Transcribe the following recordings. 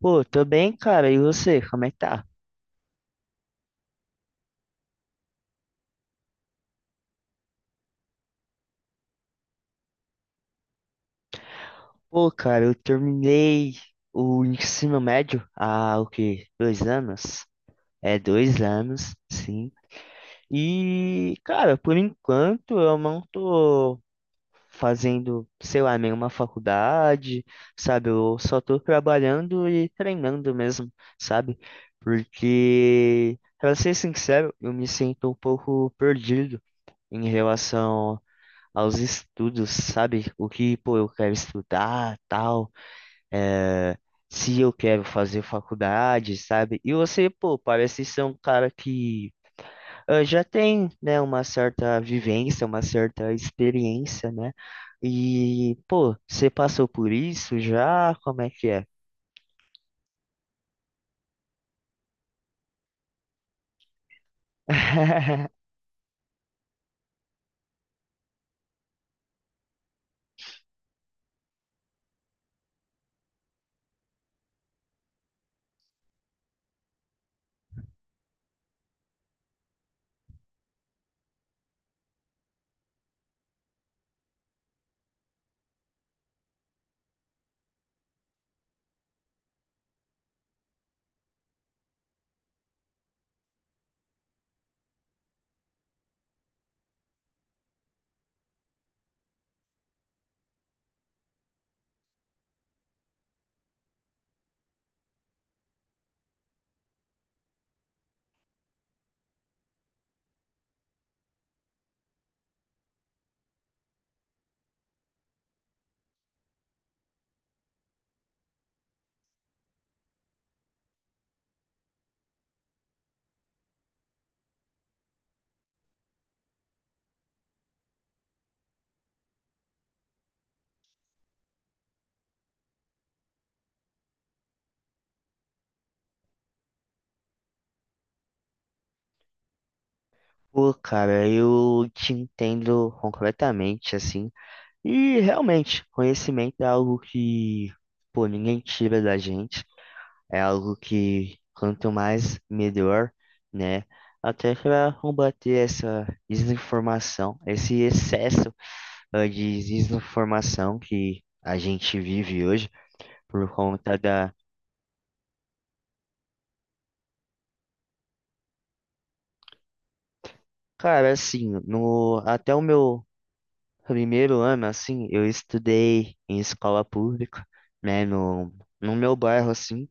Pô, tô bem, cara. E você, como é que tá? Pô, cara, eu terminei o ensino médio há o quê? 2 anos? É, 2 anos, sim. E, cara, por enquanto eu não tô fazendo, sei lá, nenhuma faculdade, sabe? Eu só tô trabalhando e treinando mesmo, sabe? Porque, pra ser sincero, eu me sinto um pouco perdido em relação aos estudos, sabe? O que, pô, eu quero estudar, tal, é se eu quero fazer faculdade, sabe? E você, pô, parece ser um cara que já tem, né, uma certa vivência, uma certa experiência, né? E, pô, você passou por isso já? Como é que é? Pô, cara, eu te entendo completamente, assim. E realmente, conhecimento é algo que, pô, ninguém tira da gente. É algo que quanto mais melhor, né? Até para combater essa desinformação, esse excesso de desinformação que a gente vive hoje por conta da. Cara, assim, no até o meu primeiro ano, assim, eu estudei em escola pública, né? No, no meu bairro, assim.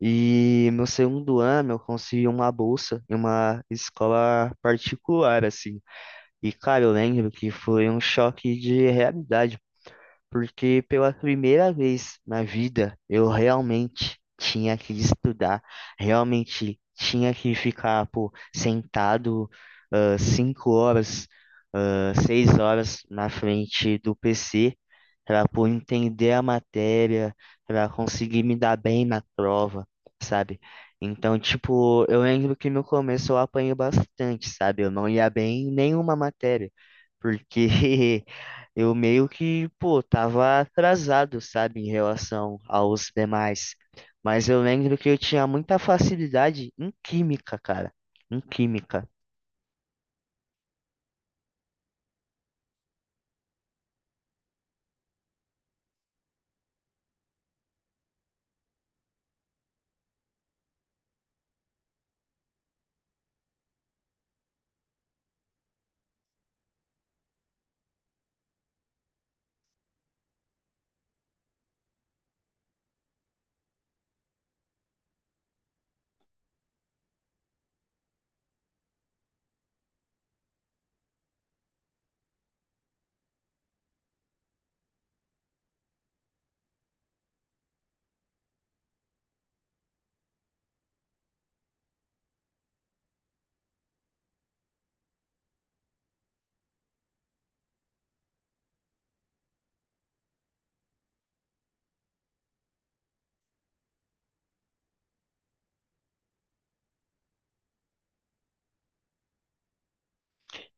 E no segundo ano eu consegui uma bolsa em uma escola particular, assim. E, cara, eu lembro que foi um choque de realidade, porque pela primeira vez na vida eu realmente tinha que estudar, realmente tinha que ficar, pô, sentado 5 horas, 6 horas na frente do PC para, pô, entender a matéria, para conseguir me dar bem na prova, sabe? Então, tipo, eu lembro que no começo eu apanhei bastante, sabe? Eu não ia bem em nenhuma matéria, porque eu meio que, pô, tava atrasado, sabe, em relação aos demais. Mas eu lembro que eu tinha muita facilidade em química, cara. Em química.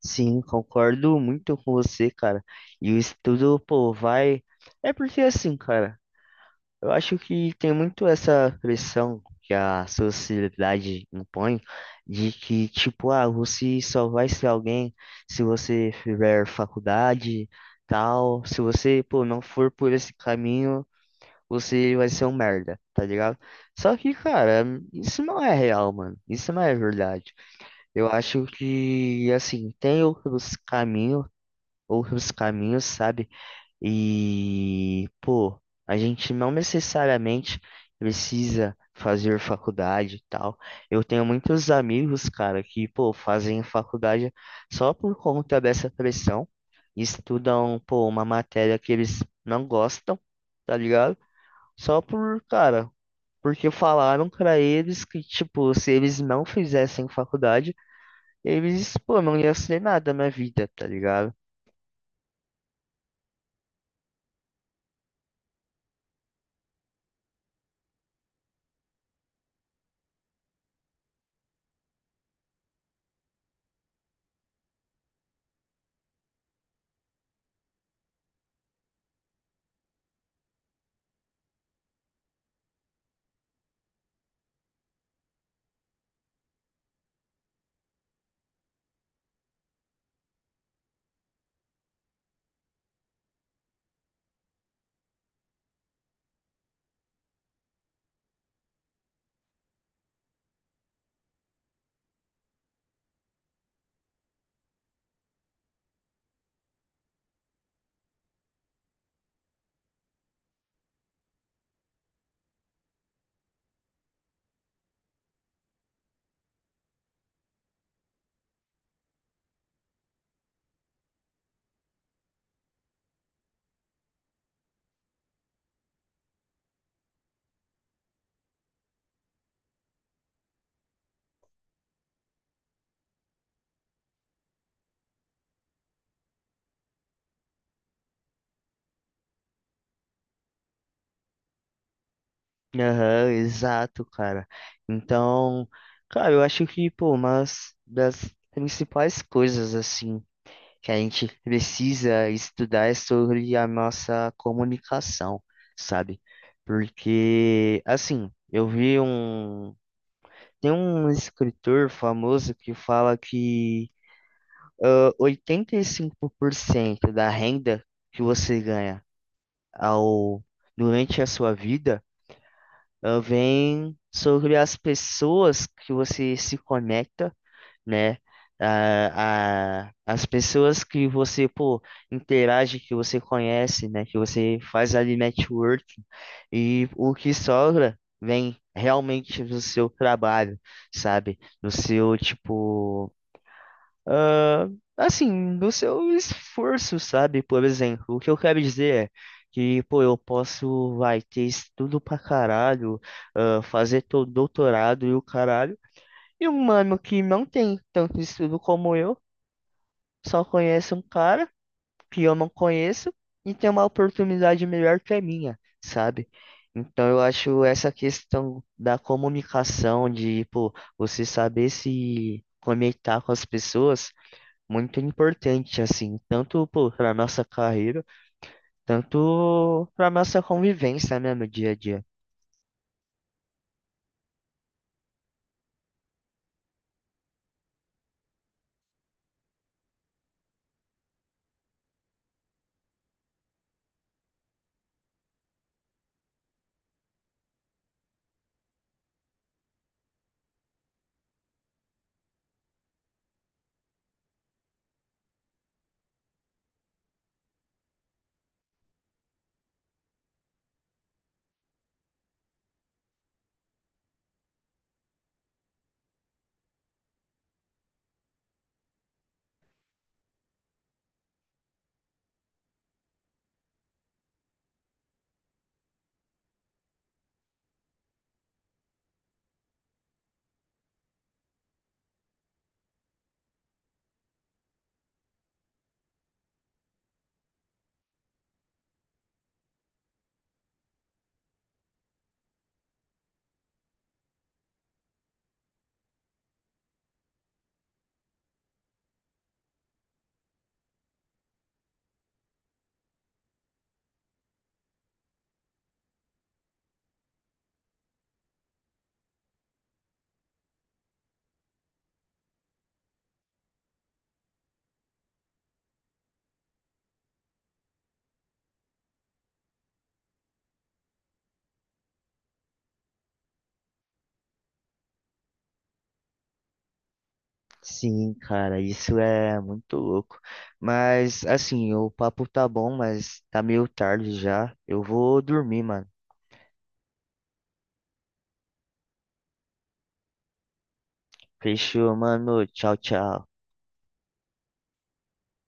Sim, concordo muito com você, cara. E o estudo, pô, vai. É porque assim, cara. Eu acho que tem muito essa pressão que a sociedade impõe de que, tipo, você só vai ser alguém se você fizer faculdade, tal. Se você, pô, não for por esse caminho, você vai ser um merda, tá ligado? Só que, cara, isso não é real, mano. Isso não é verdade. Eu acho que, assim, tem outros caminhos, sabe? E, pô, a gente não necessariamente precisa fazer faculdade e tal. Eu tenho muitos amigos, cara, que, pô, fazem faculdade só por conta dessa pressão. Estudam, pô, uma matéria que eles não gostam, tá ligado? Só por, cara, porque falaram pra eles que, tipo, se eles não fizessem faculdade, eles, pô, não iam ser nada na vida, tá ligado? Aham, exato, cara. Então, cara, eu acho que, pô, uma das principais coisas, assim, que a gente precisa estudar é sobre a nossa comunicação, sabe? Porque, assim, eu vi um. Tem um escritor famoso que fala que 85% da renda que você ganha ao, durante a sua vida, vem sobre as pessoas que você se conecta, né? As pessoas que você, pô, interage, que você conhece, né? Que você faz ali networking. E o que sobra vem realmente do seu trabalho, sabe? Do seu, tipo ah, assim, do seu esforço, sabe? Por exemplo, o que eu quero dizer é que, pô, eu posso, vai, ter estudo pra caralho, fazer todo doutorado e o caralho, e um mano que não tem tanto estudo como eu, só conhece um cara que eu não conheço e tem uma oportunidade melhor que a minha, sabe? Então eu acho essa questão da comunicação, de, pô, você saber se conectar com as pessoas muito importante, assim, tanto para nossa carreira, tanto para nossa convivência, né, no dia a dia. Sim, cara, isso é muito louco. Mas, assim, o papo tá bom, mas tá meio tarde já. Eu vou dormir, mano. Fechou, mano. Tchau, tchau.